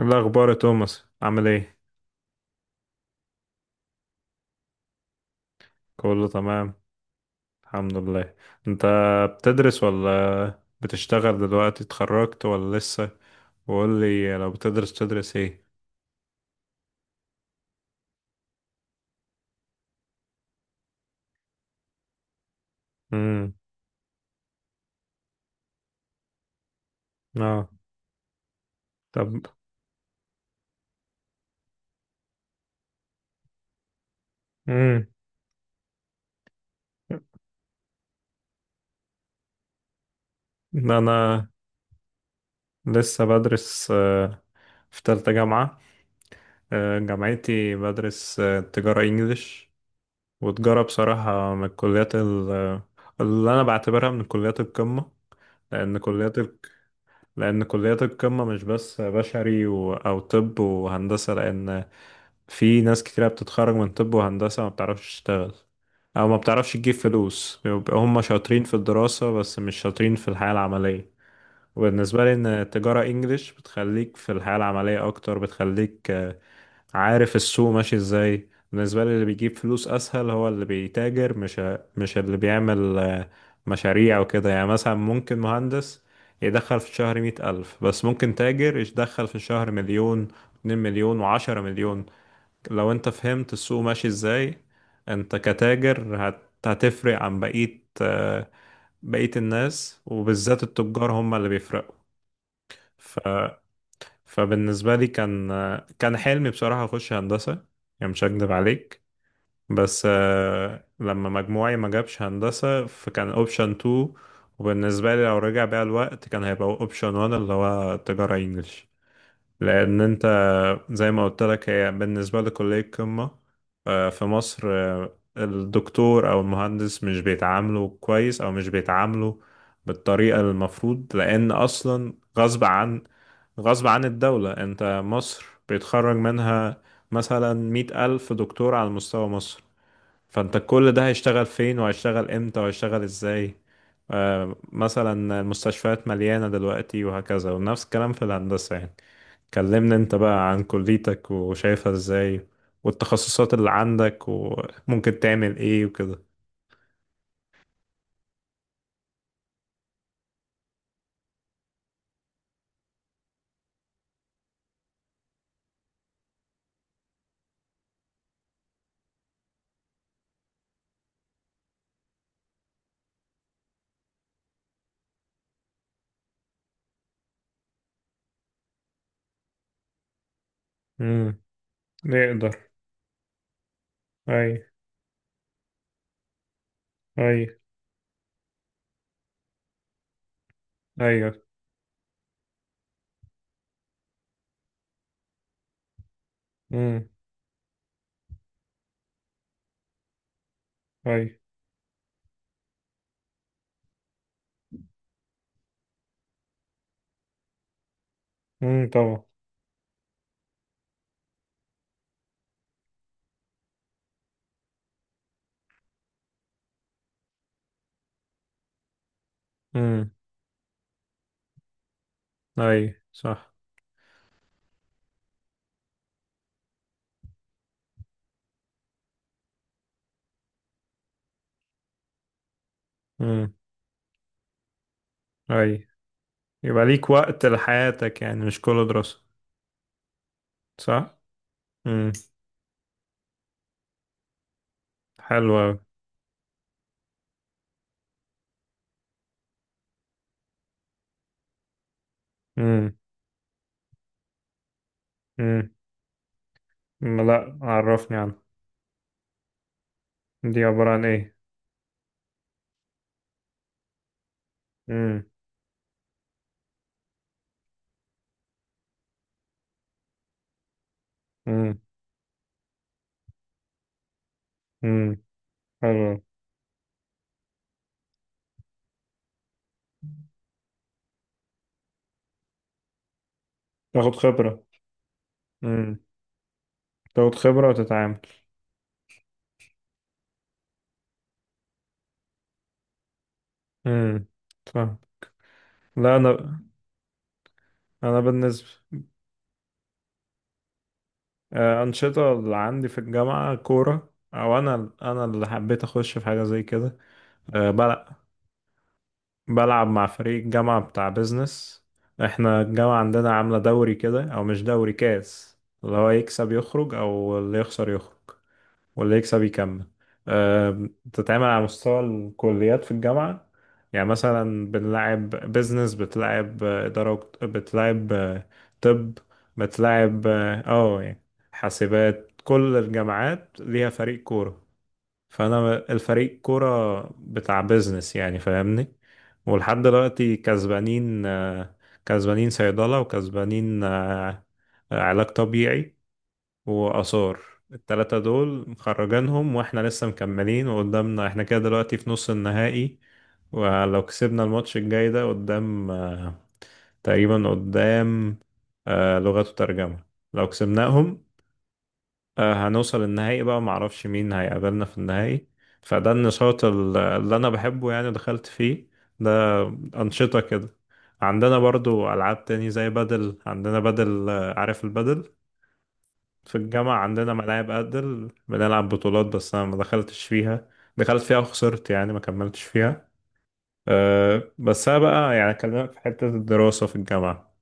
إيه الأخبار يا توماس عامل ايه؟ كله تمام. الحمد لله. انت بتدرس ولا بتشتغل دلوقتي، اتخرجت ولا لسه؟ وقول لي لو بتدرس تدرس ايه؟ امم. اه. طب. امم. انا لسه بدرس، في تالتة جامعة. جامعتي بدرس تجارة انجليش. وتجارة بصراحة من الكليات اللي انا بعتبرها من كليات القمة. لان كليات لأن كليات القمة مش بس بشري و... أو طب وهندسة، لأن في ناس كتيرة بتتخرج من طب وهندسة ما بتعرفش تشتغل، أو ما بتعرفش تجيب فلوس، بيبقى هم شاطرين في الدراسة بس مش شاطرين في الحياة العملية. وبالنسبة لي، إن التجارة إنجليش بتخليك في الحياة العملية أكتر، بتخليك عارف السوق ماشي ازاي. بالنسبة لي اللي بيجيب فلوس أسهل هو اللي بيتاجر، مش اللي بيعمل مشاريع وكده. يعني مثلا ممكن مهندس يدخل في الشهر 100 ألف، بس ممكن تاجر يدخل في الشهر مليون، 2 مليون و10 مليون، لو انت فهمت السوق ماشي ازاي. انت كتاجر هتفرق عن بقية، بقية الناس، وبالذات التجار هم اللي بيفرقوا. فبالنسبة لي كان حلمي بصراحة أخش هندسة، يعني مش هكدب عليك. بس لما مجموعي ما جابش هندسة فكان أوبشن 2. وبالنسبة لي لو رجع بيا الوقت كان هيبقى أوبشن 1، اللي هو تجارة إنجلش. لأن أنت زي ما قلت لك، هي بالنسبة لكلية قمة. في مصر الدكتور أو المهندس مش بيتعاملوا كويس، أو مش بيتعاملوا بالطريقة المفروض، لأن أصلا غصب عن غصب عن الدولة، انت مصر بيتخرج منها مثلا 100 ألف دكتور على مستوى مصر. فانت كل ده هيشتغل فين وهيشتغل امتى وهيشتغل ازاي؟ مثلا المستشفيات مليانة دلوقتي، وهكذا، ونفس الكلام في الهندسة. يعني كلمني انت بقى عن كليتك وشايفها ازاي، والتخصصات اللي عندك، وممكن تعمل ايه وكده. امم. نقدر. اي. اي. ايوه. امم. اي. امم. طبعا. امم. اي. صح. اي. يبقى ليك وقت لحياتك، يعني مش كله دراسة، صح؟ امم. حلو اوي. امم. امم. لا، عرفني عنها، دي عبارة عن ايه؟ امم. امم. امم. حلو أوي. تاخد خبرة. امم. تاخد خبرة وتتعامل. امم. فاهم. لا، انا بالنسبة، أنشطة اللي عندي في الجامعة كورة. او انا اللي حبيت اخش في حاجة زي كده. أه بلعب، بلعب مع فريق الجامعة بتاع بيزنس. احنا الجامعة عندنا عاملة دوري كده، او مش دوري، كاس، اللي هو يكسب يخرج او اللي يخسر يخرج واللي يكسب يكمل. أه، بتتعمل على مستوى الكليات في الجامعة. يعني مثلا بنلعب بيزنس، بتلعب إدارة، بتلعب طب، بتلعب يعني حاسبات. كل الجامعات ليها فريق كورة، فانا الفريق كوره بتاع بيزنس، يعني فاهمني. ولحد دلوقتي كسبانين، كسبانين صيدله وكسبانين علاج طبيعي واثار. التلاتة دول مخرجانهم، واحنا لسه مكملين، وقدامنا احنا كده دلوقتي في نص النهائي. ولو كسبنا الماتش الجاي ده قدام، تقريبا قدام لغات وترجمة، لو كسبناهم هنوصل النهائي بقى. معرفش مين هيقابلنا في النهائي. فده النشاط اللي انا بحبه، يعني دخلت فيه. ده انشطة كده. عندنا برضو العاب تاني، زي بدل. عندنا بدل، عارف البدل، في الجامعة عندنا ملاعب بدل، بنلعب بطولات، بس انا ما دخلتش فيها. دخلت فيها وخسرت، يعني ما كملتش فيها. أه بس انا بقى يعني اكلمك في حتة الدراسة في الجامعة.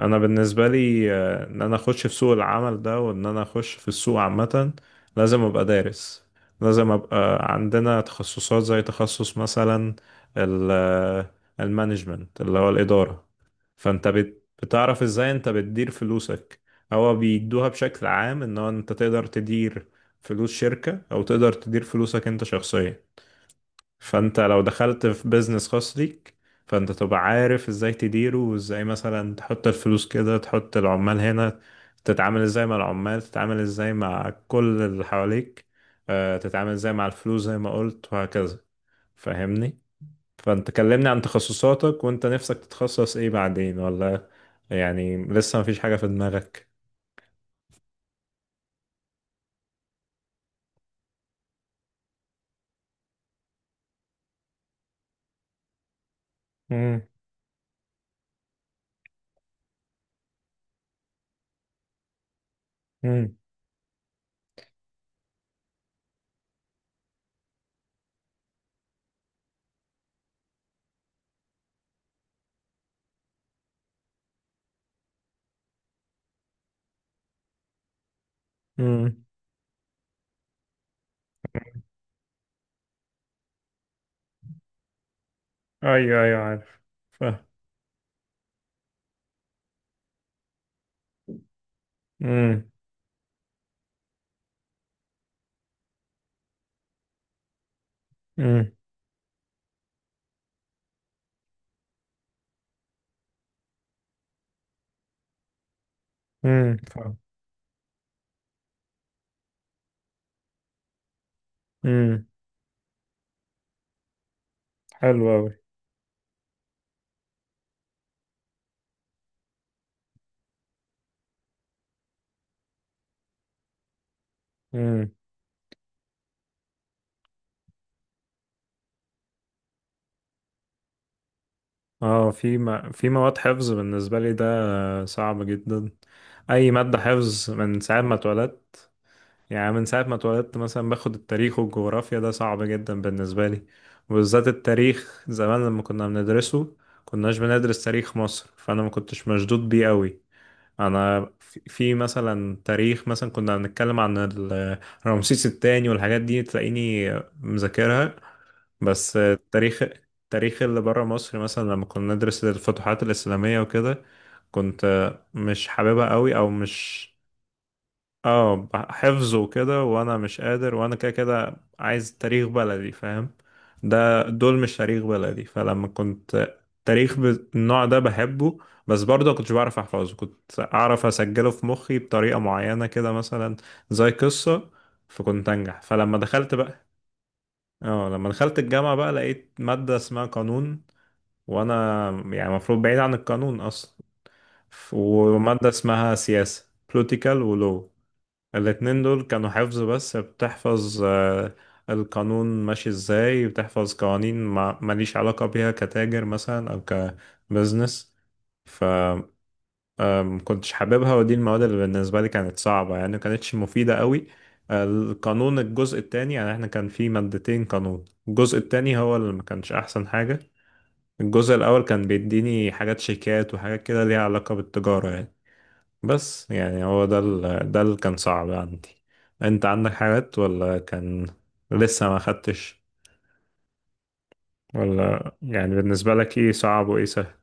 انا بالنسبه لي ان انا اخش في سوق العمل ده، وان انا اخش في السوق عامه، لازم ابقى دارس. لازم ابقى عندنا تخصصات، زي تخصص مثلا ال- آه، المانجمنت، اللي هو الاداره. فانت بتعرف ازاي انت بتدير فلوسك. هو بيدوها بشكل عام ان هو انت تقدر تدير فلوس شركه، او تقدر تدير فلوسك انت شخصيا. فانت لو دخلت في بيزنس خاص ليك، فانت تبقى عارف ازاي تديره، وازاي مثلا تحط الفلوس كده، تحط العمال هنا، تتعامل ازاي مع العمال، تتعامل ازاي مع كل اللي حواليك، تتعامل ازاي مع الفلوس زي ما قلت، وهكذا. فاهمني. فانت كلمني عن تخصصاتك، وانت نفسك تتخصص ايه بعدين، ولا يعني لسه مفيش حاجة في دماغك؟ امم. امم. امم. ايوه، ايوه، عارف. فاهم. امم. امم. امم. فاهم. امم. حلو قوي. اه، في مواد حفظ بالنسبة لي، ده صعب جدا. أي مادة حفظ من ساعة ما اتولدت. يعني من ساعة ما اتولدت، مثلا باخد التاريخ والجغرافيا، ده صعب جدا بالنسبة لي. وبالذات التاريخ زمان لما كنا بندرسه، كناش بندرس تاريخ مصر، فأنا ما كنتش مشدود بيه قوي. أنا في مثلا تاريخ، مثلا كنا بنتكلم عن رمسيس التاني والحاجات دي، تلاقيني مذاكرها. بس التاريخ التاريخ اللي بره مصر، مثلا لما كنا ندرس الفتوحات الإسلامية وكده، كنت مش حاببها قوي، او مش. اه، حفظه وكده وانا مش قادر، وانا كده كده عايز تاريخ بلدي، فاهم. ده دول مش تاريخ بلدي. فلما كنت تاريخ بالنوع ده بحبه، بس برضه كنتش بعرف احفظه. كنت اعرف اسجله في مخي بطريقة معينة كده، مثلا زي قصة، فكنت انجح. فلما دخلت بقى، اه لما دخلت الجامعة بقى، لقيت مادة اسمها قانون، وانا يعني المفروض بعيد عن القانون اصلا. ومادة اسمها سياسة، political، ولو الاتنين دول كانوا حفظ، بس بتحفظ القانون ماشي ازاي، بتحفظ قوانين ماليش علاقة بيها كتاجر مثلا، او كبزنس. ما كنتش حاببها، ودي المواد اللي بالنسبة لي كانت صعبة، يعني ما كانتش مفيدة قوي. القانون الجزء التاني، يعني احنا كان في مادتين قانون، الجزء التاني هو اللي ما كانش أحسن حاجة. الجزء الأول كان بيديني حاجات شيكات وحاجات كده ليها علاقة بالتجارة يعني. بس يعني هو ده ده اللي كان صعب عندي. انت عندك حاجات، ولا كان لسه ما خدتش، ولا يعني بالنسبة لك ايه صعب وايه